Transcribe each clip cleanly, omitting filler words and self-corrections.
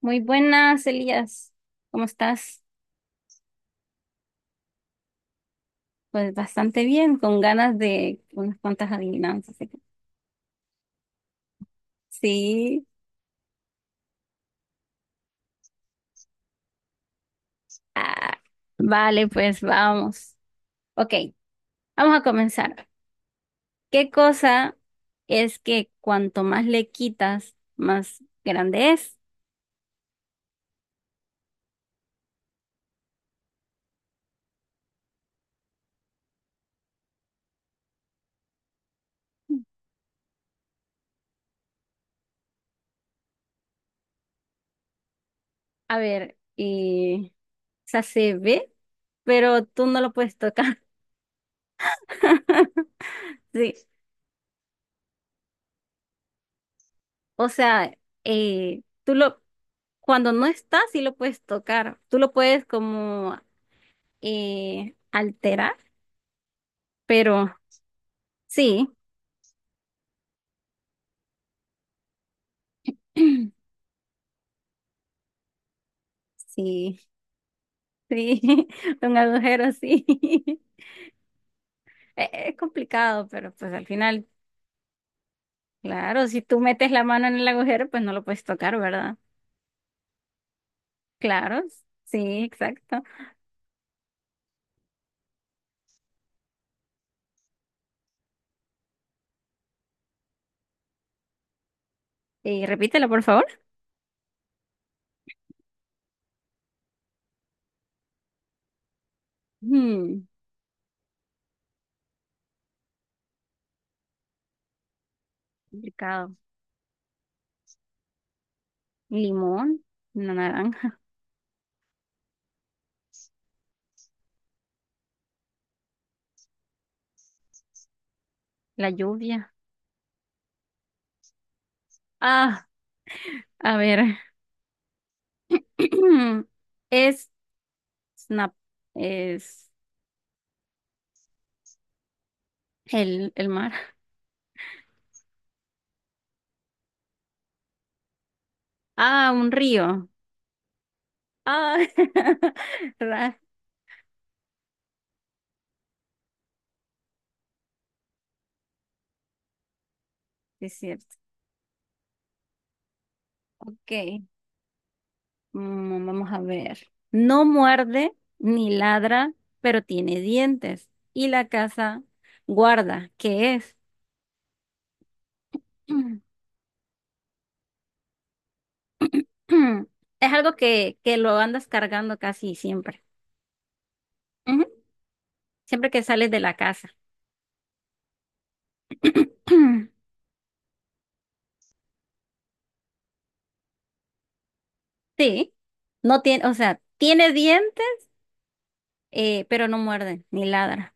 Muy buenas, Elías. ¿Cómo estás? Pues bastante bien, con ganas de unas cuantas adivinanzas. Sí. Ah, vale, pues vamos. Ok, vamos a comenzar. ¿Qué cosa es que cuanto más le quitas, más grande es? A ver, o sea, se ve, pero tú no lo puedes tocar. Sí, o sea, tú lo, cuando no estás, sí lo puedes tocar. Tú lo puedes como alterar, pero sí, sí, sí, un agujero sí. E- Es complicado, pero pues al final, claro, si tú metes la mano en el agujero, pues no lo puedes tocar, ¿verdad? Claro, sí, exacto. Repítelo, por favor. Hmm, complicado. Limón, una naranja, la lluvia. Ah, a ver. Es snap, es el mar. Ah, un río. Ah, ra- sí es cierto. Ok, mm, vamos a ver. No muerde ni ladra, pero tiene dientes. Y la casa guarda, ¿qué es? Es algo que lo andas cargando casi siempre. Ujú. Siempre que sales de la casa. Sí, no tiene, o sea, tiene dientes, pero no muerde ni ladra.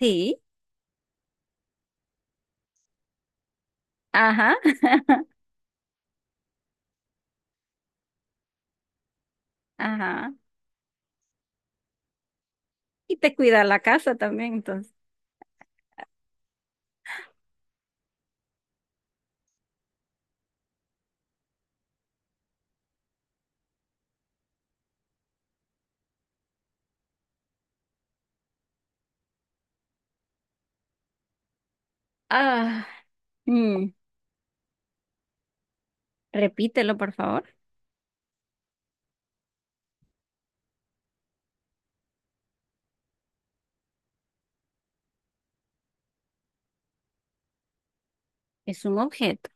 Sí, ajá, ajá. Y te cuida la casa también, entonces. Ah. Mm, repítelo, por favor. Es un objeto.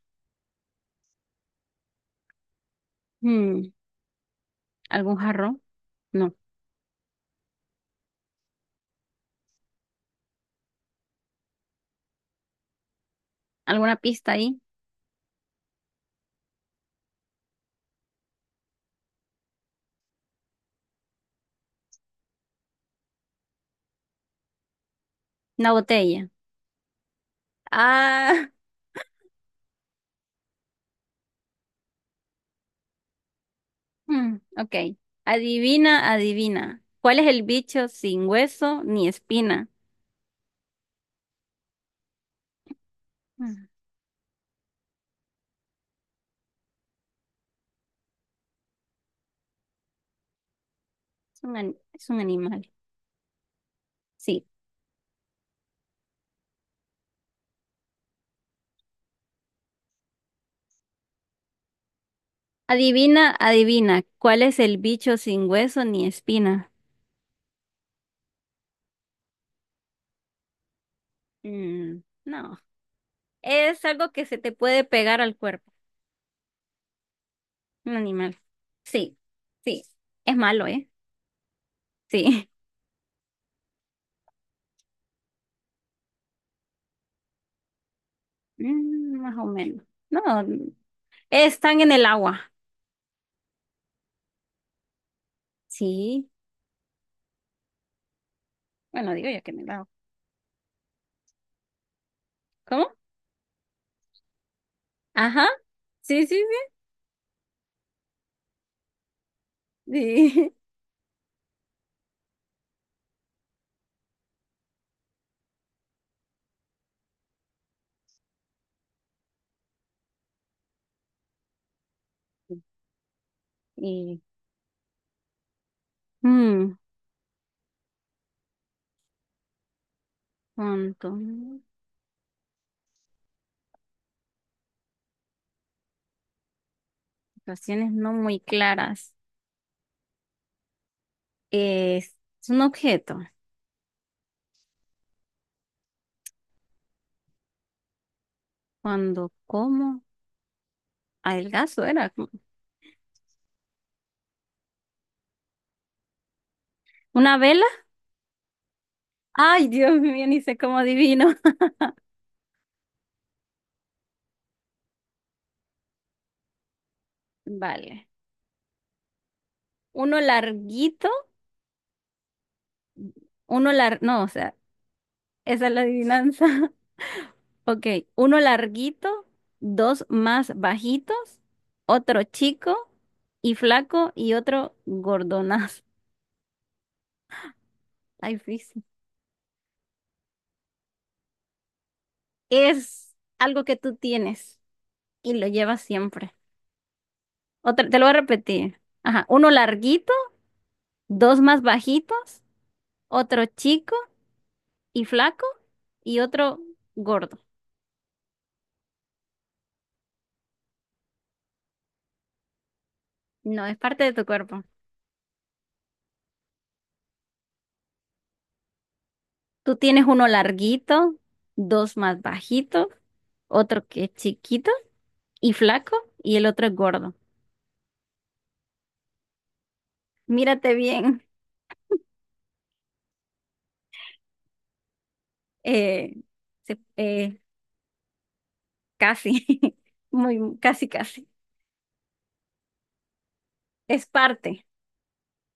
Mm, ¿algún jarrón? No. ¿Alguna pista ahí? Una botella. Ah, mm, ok. Adivina, adivina. ¿Cuál es el bicho sin hueso ni espina? Mm, es un, ani- es un animal. Sí. Adivina, adivina. ¿Cuál es el bicho sin hueso ni espina? Mm, no. Es algo que se te puede pegar al cuerpo. Un animal. Sí, sí. Es malo, ¿eh? Sí. Mm, más o menos. No, están en el agua. Sí. Bueno, digo ya que en el agua. ¿Cómo? Ajá. Sí, sí, sí. Sí. Y, mm, punto. Situaciones no muy claras. Es, es un objeto. Cuando como adelgazo era como- una vela. Ay, Dios mío, ni sé cómo adivino. Vale. Uno larguito, uno lar, no, o sea, esa es la adivinanza. Ok, uno larguito, dos más bajitos, otro chico y flaco y otro gordonazo. Está difícil. Es algo que tú tienes y lo llevas siempre. Otra, te lo voy a repetir. Ajá, uno larguito, dos más bajitos, otro chico y flaco y otro gordo. No, es parte de tu cuerpo. Tú tienes uno larguito, dos más bajitos, otro que es chiquito y flaco y el otro es gordo. Mírate bien. Eh, se- casi, muy, casi, casi. Es parte,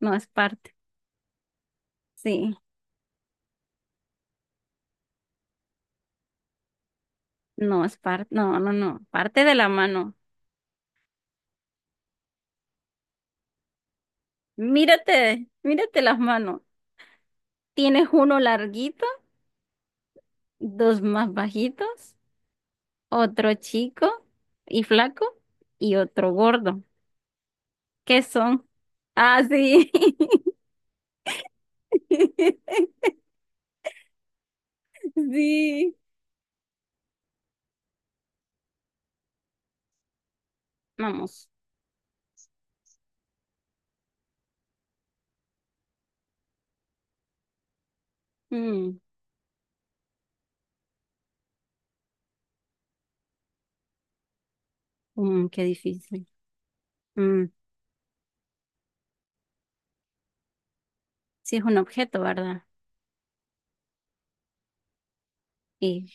no es parte. Sí, no es parte, no, no, no. Parte de la mano. Mírate, mírate las manos. Tienes uno larguito, dos más bajitos, otro chico y flaco y otro gordo. ¿Qué son? Ah, sí. Sí. Vamos. Mm, mm, qué difícil. Mm, sí, es un objeto, ¿verdad? ¿Y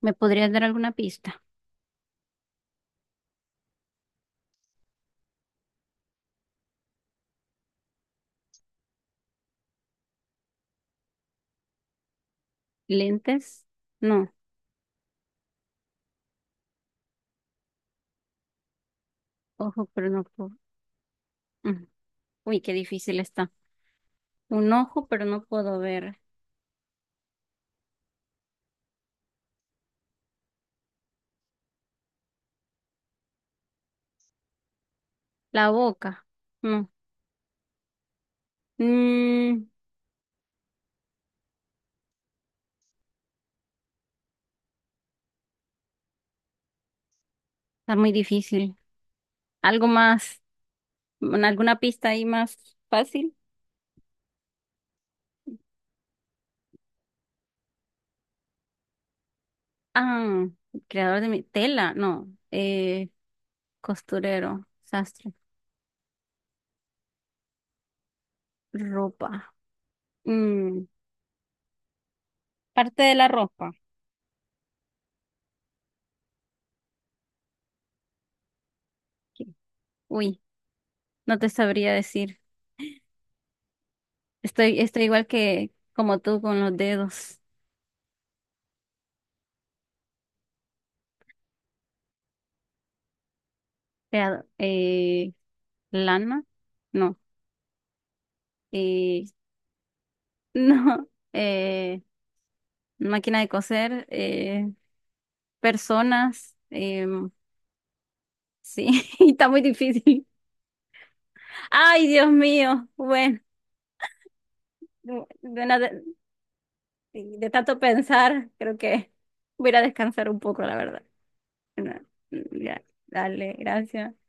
me podrías dar alguna pista? ¿Lentes? No, ojo, pero no puedo. Mm. Uy, qué difícil está. Un ojo, pero no puedo ver. La boca. No. Mm, está muy difícil. ¿Algo más? ¿Alguna pista ahí más fácil? Ah, creador de mi tela. No. Costurero, sastre, ropa. Mm, parte de la ropa. ¿Qué? Uy, no te sabría decir. Estoy igual que como tú con los dedos. Creador. Lana. No. Eh, no. Máquina de coser. Personas. em, sí, está muy difícil. Ay, Dios mío. Bueno, de, una- de tanto pensar, creo que voy a ir a descansar un poco, la verdad. No, ya, dale, gracias.